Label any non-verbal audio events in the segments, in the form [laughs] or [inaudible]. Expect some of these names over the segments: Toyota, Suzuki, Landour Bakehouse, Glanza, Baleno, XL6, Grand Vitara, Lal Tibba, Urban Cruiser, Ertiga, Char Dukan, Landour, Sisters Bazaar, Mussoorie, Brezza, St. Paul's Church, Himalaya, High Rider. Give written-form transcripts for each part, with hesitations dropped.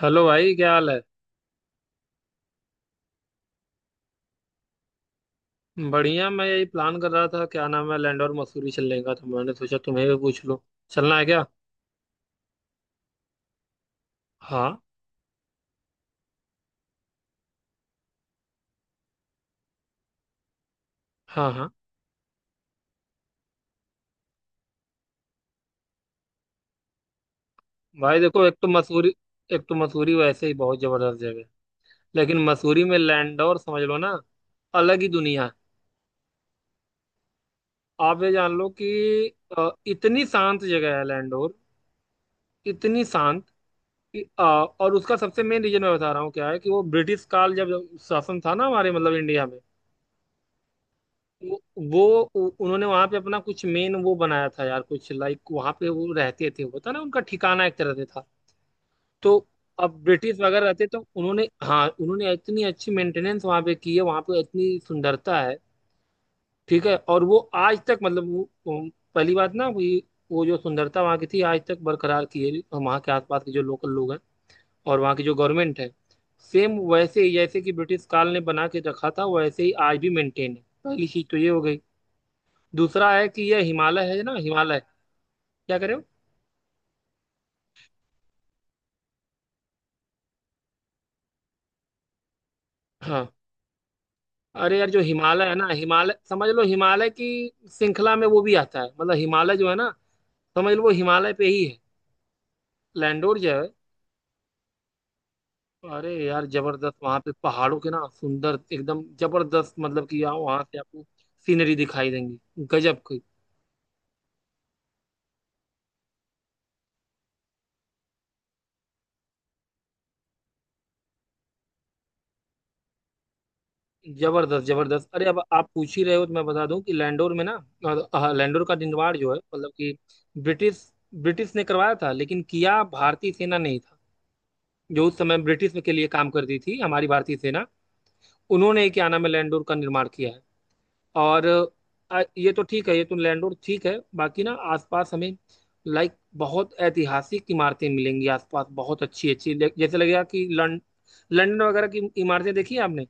Hello भाई, क्या हाल है। बढ़िया, मैं यही प्लान कर रहा था क्या नाम है लैंड और मसूरी चलने का, तो मैंने सोचा तुम्हें भी पूछ लो। चलना है क्या? हाँ, हाँ, हाँ, भाई देखो, एक तो मसूरी वैसे ही बहुत जबरदस्त जगह है। लेकिन मसूरी में लैंड और समझ लो ना, अलग ही दुनिया है। आप ये जान लो कि इतनी शांत जगह है लैंडोर, इतनी शांत कि और उसका सबसे मेन रीजन मैं बता रहा हूँ क्या है कि वो ब्रिटिश काल जब शासन था ना हमारे मतलब इंडिया में, वो उन्होंने वहां पे अपना कुछ मेन वो बनाया था यार, कुछ लाइक वहां पे वो रहते थे, होता ना, उनका ठिकाना एक तरह से था। तो अब ब्रिटिश वगैरह रहते तो उन्होंने, हाँ, उन्होंने इतनी अच्छी मेंटेनेंस वहां पे की है, वहां पे इतनी सुंदरता है। ठीक है। और वो आज तक मतलब पहली बात ना, वही वो जो सुंदरता वहां की थी आज तक बरकरार की है, वहां के आसपास के जो लोकल लोग हैं और वहां की जो गवर्नमेंट है, सेम वैसे ही जैसे कि ब्रिटिश काल ने बना के रखा था, वैसे ही आज भी मेंटेन है। पहली चीज तो ये हो गई। दूसरा है कि ये हिमालय है ना, हिमालय। क्या कह रहे हो? हाँ। अरे यार, जो हिमालय है ना, हिमालय, समझ लो हिमालय की श्रृंखला में वो भी आता है, मतलब हिमालय जो है ना, समझ लो वो हिमालय पे ही है, लैंडोर जो है। अरे यार जबरदस्त, वहां पे पहाड़ों के ना, सुंदर एकदम जबरदस्त, मतलब कि यहाँ वहां से आपको सीनरी दिखाई देंगी गजब की। जबरदस्त, जबरदस्त, अरे अब आप पूछ ही रहे हो तो मैं बता दूं कि लैंडोर में ना, हाँ, लैंडोर का निर्माण जो है मतलब कि ब्रिटिश ब्रिटिश ने करवाया था, लेकिन किया भारतीय सेना नहीं था, जो उस समय ब्रिटिश के लिए काम करती थी, हमारी भारतीय सेना। उन्होंने क्या नाम है लैंडोर का निर्माण किया है। और ये तो ठीक है, ये तो लैंडोर ठीक है, बाकी ना आसपास हमें, लाइक, बहुत ऐतिहासिक इमारतें मिलेंगी आसपास, बहुत अच्छी अच्छी जैसे लगेगा कि लंदन वगैरह की इमारतें देखी है आपने,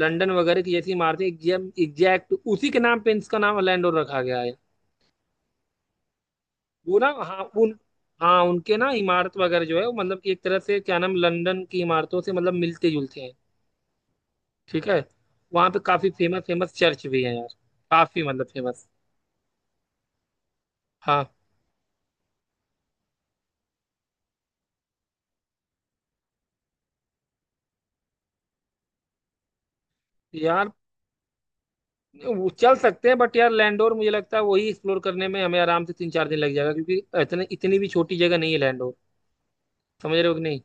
लंदन वगैरह की जैसी इमारतें, एग्जैक्ट उसी के नाम पे इसका नाम लैंडोर रखा गया है। वो ना, हाँ, उन हाँ, उनके ना इमारत वगैरह जो है वो मतलब एक तरह से क्या नाम लंदन की इमारतों से मतलब मिलते जुलते हैं। ठीक है। वहाँ पे काफी फेमस फेमस चर्च भी है यार, काफी मतलब फेमस। हाँ यार, वो चल सकते हैं बट यार लैंडोर मुझे लगता है वही एक्सप्लोर करने में हमें आराम से तीन चार दिन लग जाएगा, क्योंकि इतने इतनी भी छोटी जगह नहीं है लैंडोर। समझ रहे हो कि नहीं?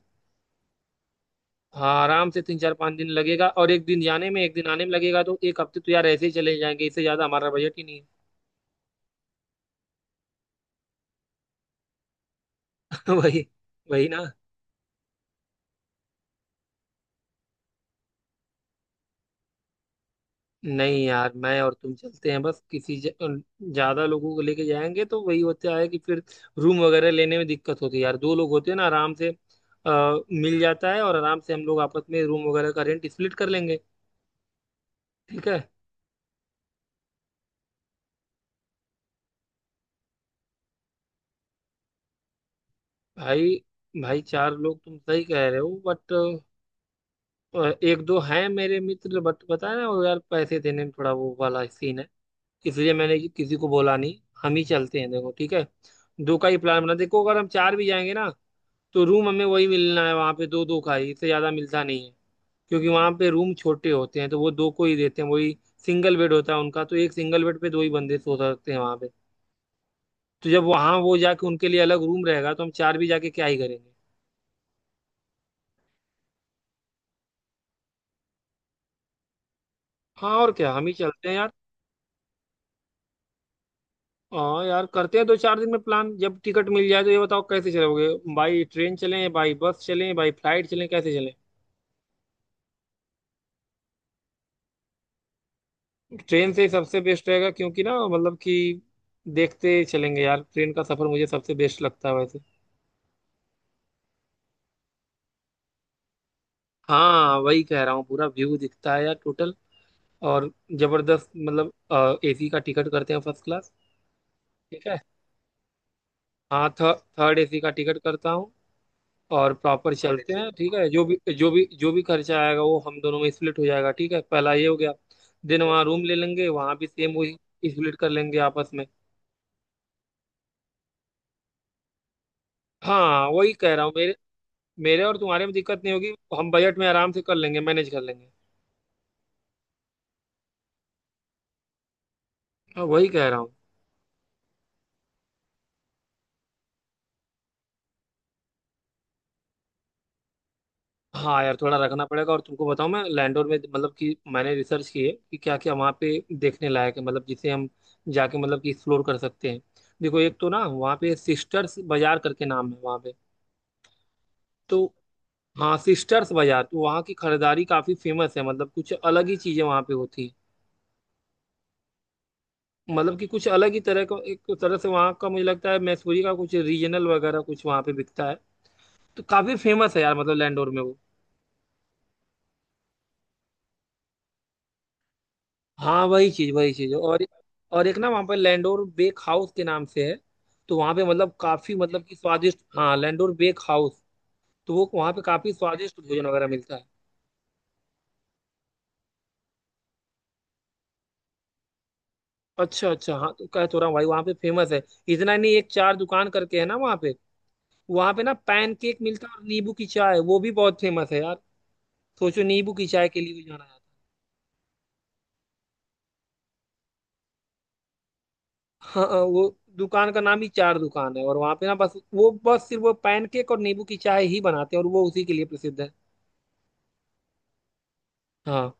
हाँ, आराम से तीन चार पाँच दिन लगेगा और एक दिन जाने में एक दिन आने में लगेगा, तो एक हफ्ते तो यार ऐसे ही चले जाएंगे, इससे ज्यादा हमारा बजट ही नहीं है। [laughs] वही। वही ना। नहीं यार, मैं और तुम चलते हैं बस, ज्यादा लोगों को लेके जाएंगे तो वही होता है कि फिर रूम वगैरह लेने में दिक्कत होती है यार, दो लोग होते हैं ना आराम से, आ, मिल जाता है, और आराम से हम लोग आपस में रूम वगैरह का रेंट स्प्लिट कर लेंगे। ठीक है। भाई, भाई चार लोग तुम सही कह रहे हो बट एक दो हैं मेरे मित्र, बट पता है ना वो, यार पैसे देने में थोड़ा वो वाला सीन है, इसलिए मैंने किसी को बोला नहीं, हम ही चलते हैं, देखो ठीक है, दो का ही प्लान बना, देखो अगर हम चार भी जाएंगे ना तो रूम हमें वही मिलना है वहाँ पे, दो दो का ही, इससे ज़्यादा मिलता नहीं है, क्योंकि वहाँ पे रूम छोटे होते हैं तो वो दो को ही देते हैं, वही सिंगल बेड होता है उनका, तो एक सिंगल बेड पे दो ही बंदे सो सकते हैं वहाँ पे। तो जब वहाँ वो जाके उनके लिए अलग रूम रहेगा तो हम चार भी जाके क्या ही करेंगे। हाँ, और क्या, हम ही चलते हैं यार। हाँ यार, करते हैं दो चार दिन में प्लान जब टिकट मिल जाए, तो ये बताओ कैसे चलोगे, बाई ट्रेन चलें, बाई बस चलें, बाई फ्लाइट चलें, कैसे चलें? ट्रेन से ही सबसे बेस्ट रहेगा, क्योंकि ना मतलब कि देखते चलेंगे यार, ट्रेन का सफर मुझे सबसे बेस्ट लगता है वैसे। हाँ वही कह रहा हूँ, पूरा व्यू दिखता है यार टोटल, और जबरदस्त मतलब, एसी का टिकट करते हैं फर्स्ट क्लास। ठीक है। हाँ, थर्ड एसी का टिकट करता हूँ और प्रॉपर चलते हैं, ठीक है, जो भी खर्चा आएगा वो हम दोनों में स्प्लिट हो जाएगा, ठीक है, पहला ये हो गया। देन वहाँ रूम ले लेंगे, वहाँ भी सेम वही स्प्लिट कर लेंगे आपस में। हाँ वही कह रहा हूँ, मेरे मेरे और तुम्हारे में दिक्कत नहीं होगी, हम बजट में आराम से कर लेंगे, मैनेज कर लेंगे। हाँ वही कह रहा हूँ। हाँ यार थोड़ा रखना पड़ेगा, और तुमको बताऊँ, मैं लैंडोर में मतलब कि मैंने रिसर्च की है कि क्या क्या वहाँ पे देखने लायक है, मतलब जिसे हम जाके मतलब कि एक्सप्लोर कर सकते हैं। देखो, एक तो ना वहाँ पे सिस्टर्स बाजार करके नाम है वहाँ पे, तो हाँ सिस्टर्स बाजार, तो वहाँ की खरीदारी काफ़ी फेमस है, मतलब कुछ अलग ही चीज़ें वहाँ पे होती हैं, मतलब कि कुछ अलग ही तरह का एक तरह से वहाँ का, मुझे लगता है मैसूरी का कुछ रीजनल वगैरह कुछ वहाँ पे बिकता है, तो काफ़ी फेमस है यार मतलब लैंडोर में वो। हाँ, वही चीज और एक ना वहाँ पे लैंडोर बेक हाउस के नाम से है, तो वहाँ पे मतलब काफी मतलब कि स्वादिष्ट, हाँ लैंडोर बेक हाउस, तो वो वहाँ पे काफी स्वादिष्ट भोजन वगैरह मिलता है। अच्छा अच्छा, हाँ तो कह तो रहा हूँ भाई वहाँ पे फेमस है, इतना नहीं, एक चार दुकान करके है ना वहाँ पे, वहाँ पे ना पैन केक मिलता है और नींबू की चाय, वो भी बहुत फेमस है यार। सोचो, नींबू की चाय के लिए भी जाना जाता है। हाँ हाँ, वो दुकान का नाम ही चार दुकान है, और वहाँ पे ना बस वो, बस सिर्फ वो पैन केक और नींबू की चाय ही बनाते हैं, और वो उसी के लिए प्रसिद्ध है। हाँ,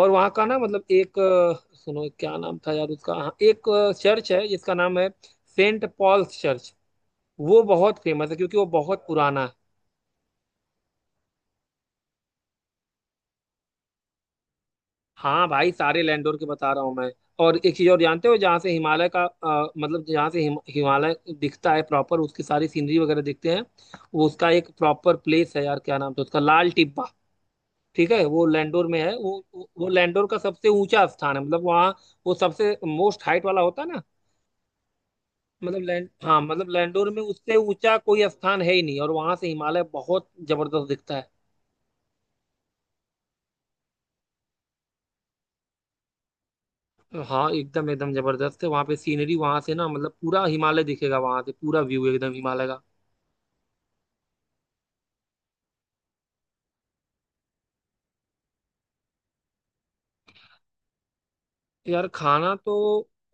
और वहाँ का ना मतलब एक सुनो, क्या नाम था यार उसका, हाँ, एक चर्च है जिसका नाम है सेंट पॉल्स चर्च, वो बहुत फेमस है क्योंकि वो बहुत पुराना है। हाँ भाई, सारे लैंडोर के बता रहा हूँ मैं। और एक चीज और जानते हो जहाँ से हिमालय का मतलब जहाँ से हिमालय दिखता है प्रॉपर, उसकी सारी सीनरी वगैरह दिखते हैं, वो उसका एक प्रॉपर प्लेस है यार, क्या नाम था उसका, लाल टिब्बा, ठीक है, वो लैंडोर में है, वो लैंडोर का सबसे ऊंचा स्थान है, मतलब वहाँ वो सबसे मोस्ट हाइट वाला होता है ना, मतलब लैंड हाँ, मतलब लैंडोर में उससे ऊंचा कोई स्थान है ही नहीं, और वहां से हिमालय बहुत जबरदस्त दिखता है। हाँ, एकदम एकदम जबरदस्त है वहां पे सीनरी, वहां से ना मतलब पूरा हिमालय दिखेगा वहां से, पूरा व्यू एकदम हिमालय का। यार खाना तो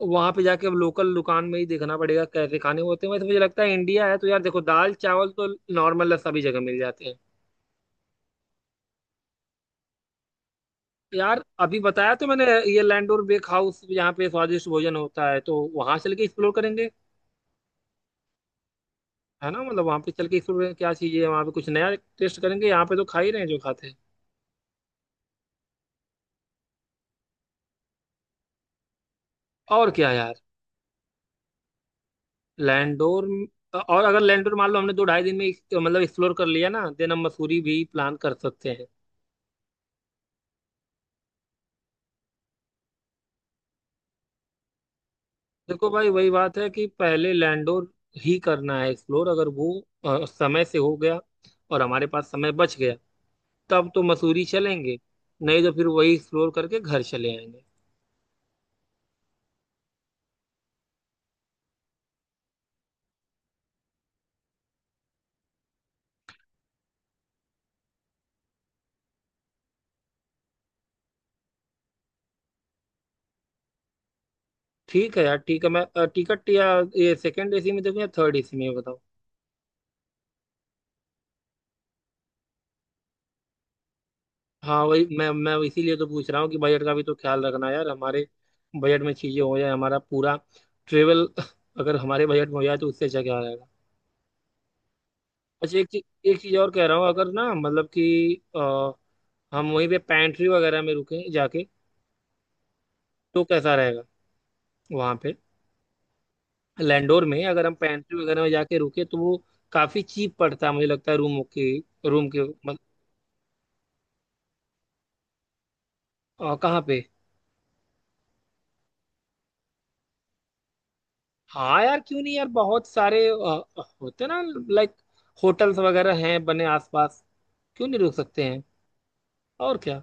वहां पे जाके अब लोकल दुकान में ही देखना पड़ेगा कैसे खाने होते हैं, वैसे मुझे लगता है इंडिया है तो यार देखो दाल चावल तो नॉर्मल है, सभी जगह मिल जाते हैं। यार अभी बताया तो मैंने, ये लैंडोर बेक हाउस यहाँ पे स्वादिष्ट भोजन होता है, तो वहां चल के एक्सप्लोर करेंगे, है ना, मतलब वहां पे चल के एक्सप्लोर क्या चीज है वहां पे, कुछ नया टेस्ट करेंगे, यहाँ पे तो खा ही रहे हैं जो खाते हैं। और क्या यार लैंडोर, और अगर लैंडोर मान लो हमने दो ढाई दिन में मतलब एक्सप्लोर कर लिया ना, देन हम मसूरी भी प्लान कर सकते हैं। देखो भाई, वही बात है कि पहले लैंडोर ही करना है एक्सप्लोर, अगर वो समय से हो गया और हमारे पास समय बच गया, तब तो मसूरी चलेंगे, नहीं तो फिर वही एक्सप्लोर करके घर चले आएंगे। ठीक है यार, ठीक है, मैं टिकट या ये सेकंड एसी में देखूं या थर्ड एसी में, ये बताओ। हाँ वही, मैं इसीलिए तो पूछ रहा हूँ कि बजट का भी तो ख्याल रखना यार, हमारे बजट में चीजें हो जाए हमारा पूरा ट्रेवल, [laughs] अगर हमारे बजट में हो जाए तो उससे अच्छा क्या रहेगा। अच्छा, एक चीज, एक चीज और कह रहा हूँ, अगर ना मतलब कि हम वहीं पे पैंट्री वगैरह में रुके जाके, तो कैसा रहेगा वहाँ पे? लैंडोर में अगर हम पैंट्री वगैरह में जाके रुके तो वो काफी चीप पड़ता है, मुझे लगता है रूम के, मतलब, कहाँ पे? हाँ यार, क्यों नहीं यार, बहुत सारे होते ना, लाइक, होटल्स वगैरह हैं बने आसपास, क्यों नहीं रुक सकते हैं, और क्या।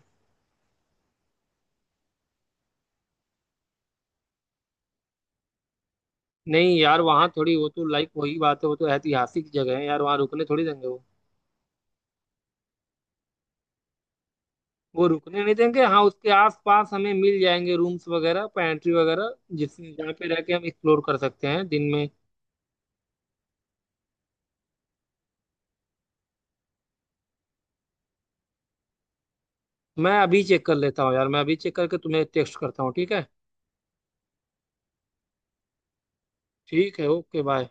नहीं यार, वहाँ थोड़ी वो, तो लाइक वही बात है, वो तो ऐतिहासिक जगह है यार, वहाँ रुकने थोड़ी देंगे वो रुकने नहीं देंगे, हाँ, उसके आसपास हमें मिल जाएंगे रूम्स वगैरह, पेंट्री वगैरह, जिस जहाँ पे रह के हम एक्सप्लोर कर सकते हैं दिन में। मैं अभी चेक कर लेता हूँ यार, मैं अभी चेक करके तुम्हें टेक्स्ट करता हूँ, ठीक है। ठीक है, ओके बाय।